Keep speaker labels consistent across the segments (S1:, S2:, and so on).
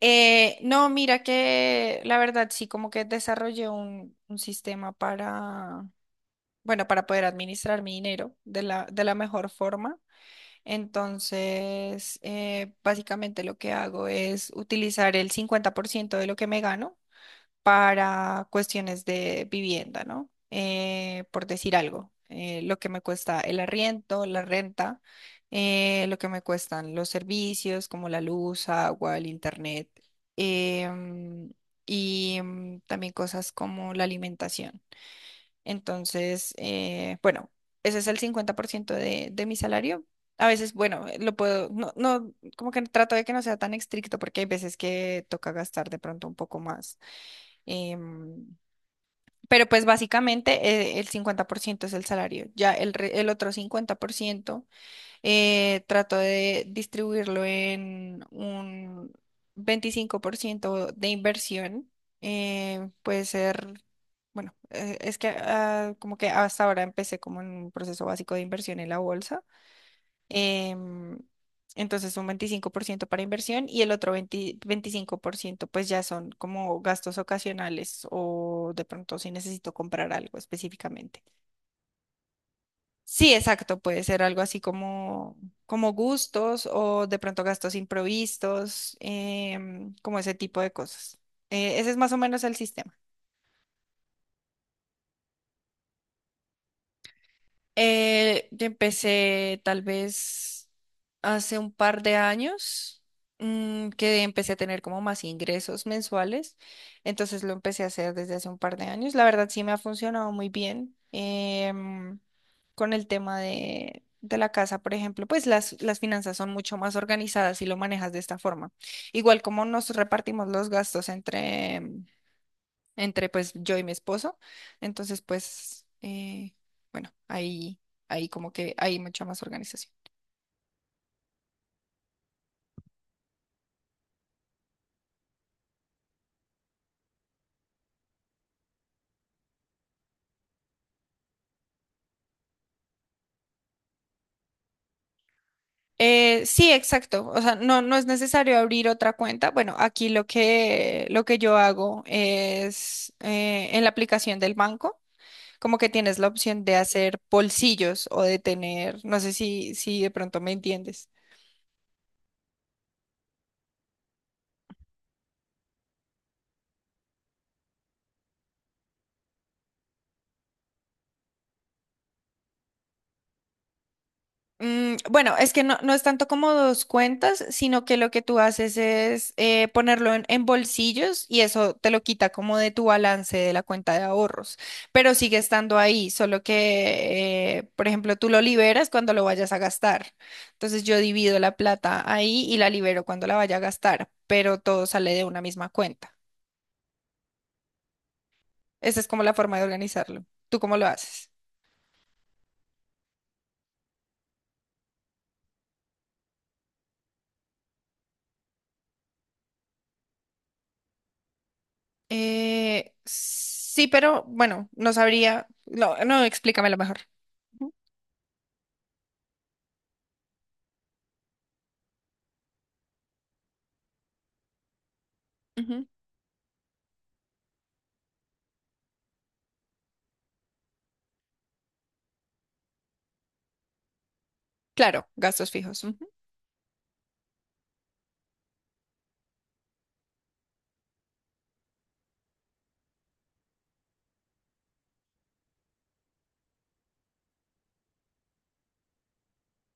S1: No, mira que la verdad sí, como que desarrollé un sistema para, bueno, para poder administrar mi dinero de de la mejor forma. Entonces, básicamente lo que hago es utilizar el 50% de lo que me gano para cuestiones de vivienda, ¿no? Por decir algo, lo que me cuesta el arriendo, la renta, lo que me cuestan los servicios como la luz, agua, el internet, em, y también cosas como la alimentación. Entonces, bueno, ese es el 50% de mi salario. A veces, bueno, lo puedo, no, no, como que trato de que no sea tan estricto porque hay veces que toca gastar de pronto un poco más. Em, pero pues básicamente el 50% es el salario. Ya el otro 50% trato de distribuirlo en un 25% de inversión. Eh, puede ser, bueno, es que ah, como que hasta ahora empecé como en un proceso básico de inversión en la bolsa. Em, entonces un 25% para inversión y el otro veinte 25% pues ya son como gastos ocasionales o de pronto si necesito comprar algo específicamente. Sí, exacto, puede ser algo así como, como gustos o de pronto gastos imprevistos, como ese tipo de cosas. Ese es más o menos el sistema. Yo empecé tal vez hace un par de años, que empecé a tener como más ingresos mensuales, entonces lo empecé a hacer desde hace un par de años. La verdad sí me ha funcionado muy bien, con el tema de la casa, por ejemplo, pues las finanzas son mucho más organizadas si lo manejas de esta forma. Igual como nos repartimos los gastos entre, entre pues yo y mi esposo. Entonces, pues, bueno, ahí, ahí como que hay mucha más organización. Sí, exacto. O sea, no es necesario abrir otra cuenta. Bueno, aquí lo que yo hago es en la aplicación del banco, como que tienes la opción de hacer bolsillos o de tener, no sé si de pronto me entiendes. Mm, bueno, es que no es tanto como dos cuentas, sino que lo que tú haces es ponerlo en bolsillos y eso te lo quita como de tu balance de la cuenta de ahorros, pero sigue estando ahí, solo que, por ejemplo, tú lo liberas cuando lo vayas a gastar. Entonces yo divido la plata ahí y la libero cuando la vaya a gastar, pero todo sale de una misma cuenta. Esa es como la forma de organizarlo. ¿Tú cómo lo haces? Sí, pero bueno, no sabría. No, no, explícamelo mejor. Ujú. Claro, gastos fijos. Ujú,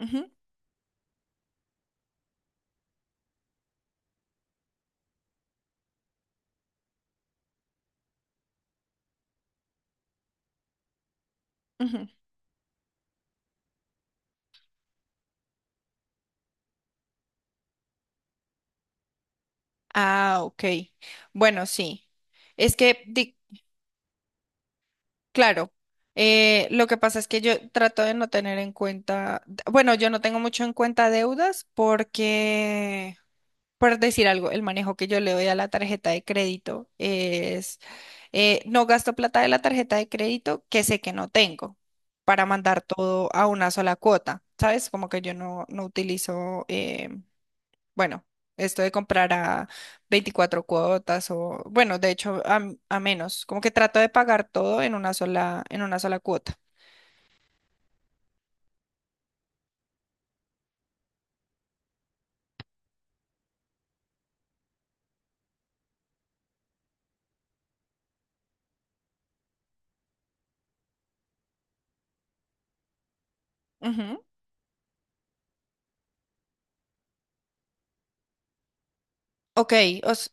S1: ujú, ujú. Ah, ok. Bueno, sí. Es que, di- claro, lo que pasa es que yo trato de no tener en cuenta, d- bueno, yo no tengo mucho en cuenta deudas porque, por decir algo, el manejo que yo le doy a la tarjeta de crédito es, no gasto plata de la tarjeta de crédito que sé que no tengo para mandar todo a una sola cuota, ¿sabes? Como que yo no utilizo... bueno, esto de comprar a 24 cuotas o, bueno, de hecho, a, m- a menos. Como que trato de pagar todo en una sola cuota. Ujú. Ok, os,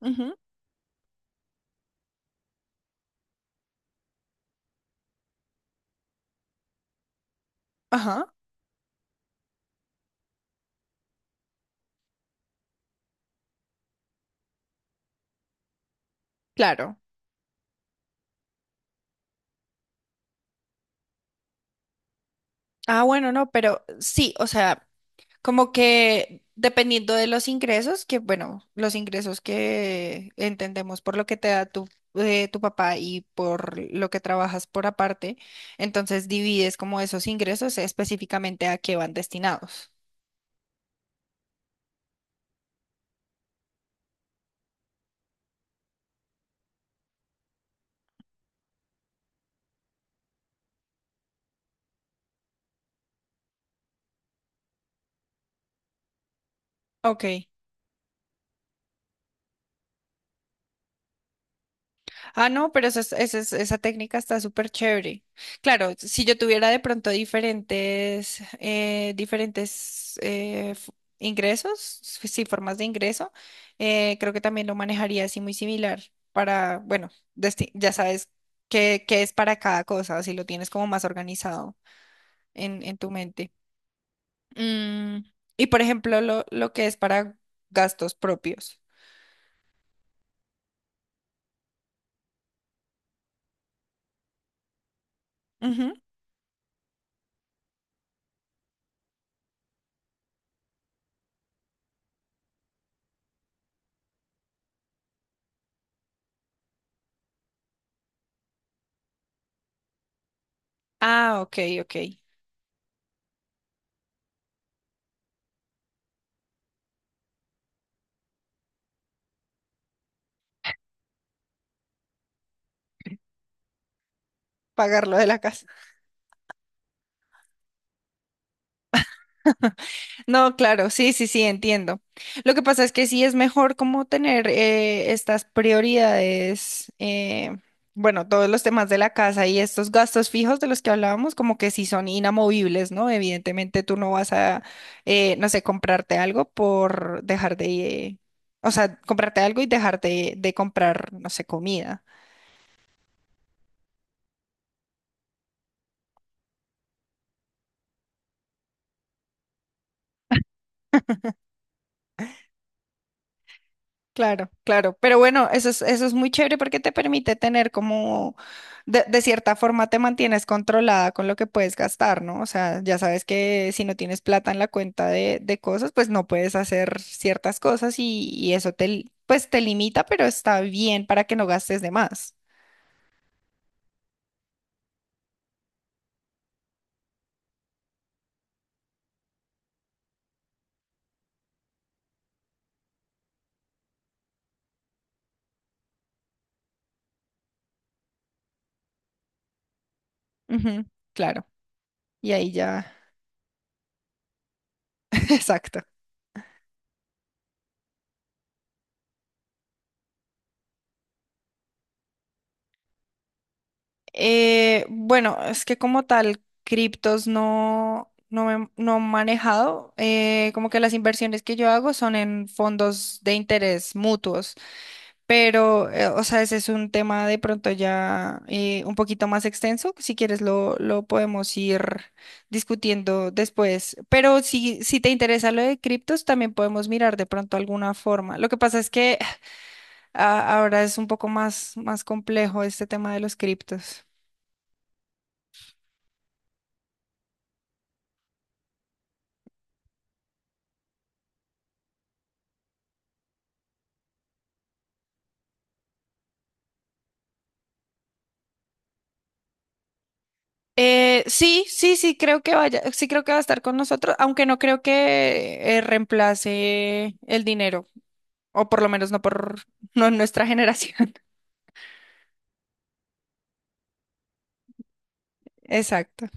S1: ujú, ajá, claro. Ah, bueno, no, pero sí, o sea, como que dependiendo de los ingresos, que bueno, los ingresos que entendemos por lo que te da tu, tu papá y por lo que trabajas por aparte, entonces divides como esos ingresos específicamente a qué van destinados. Ok. Ah, no, pero esa, esa técnica está súper chévere. Claro, si yo tuviera de pronto diferentes, diferentes f- ingresos, s- sí, formas de ingreso, creo que también lo manejaría así muy similar para, bueno, desti- ya sabes qué, qué es para cada cosa, si lo tienes como más organizado en tu mente. Mm, y por ejemplo, lo que es para gastos propios. Ujú. Ah, ok, ok. Pagar lo de la casa. No, claro, sí, sí, sí, entiendo. Lo que pasa es que sí es mejor como tener estas prioridades, bueno, todos los temas de la casa y estos gastos fijos de los que hablábamos, como que sí son inamovibles, ¿no? Evidentemente tú no vas a, no sé, comprarte algo por dejar de, eh, o sea, comprarte algo y dejar de comprar, no sé, comida. Claro, claro, pero bueno, eso es muy chévere porque te permite tener como, de cierta forma te mantienes controlada con lo que puedes gastar, ¿no? O sea, ya sabes que si no tienes plata en la cuenta de cosas, pues no puedes hacer ciertas cosas y eso te, li- pues te limita, pero está bien para que no gastes de más. Ujú, claro, y ahí ya, exacto. Bueno, es que como tal, criptos no he manejado. Eh, como que las inversiones que yo hago son en fondos de interés mutuos, pero, o sea, ese es un tema de pronto ya un poquito más extenso. Si quieres, lo podemos ir discutiendo después. Pero si te interesa lo de criptos, también podemos mirar de pronto alguna forma. Lo que pasa es que ah, ahora es un poco más, más complejo este tema de los criptos. Sí, sí, sí creo que vaya, sí creo que va a estar con nosotros, aunque no creo que reemplace el dinero, o por lo menos no por no en nuestra generación. Exacto.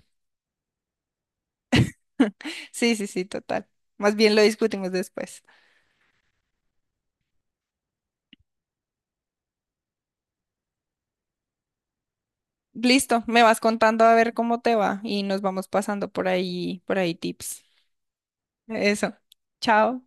S1: Sí, sí, sí, total. Más bien lo discutimos después. Listo, me vas contando a ver cómo te va y nos vamos pasando por ahí tips. Eso. Chao.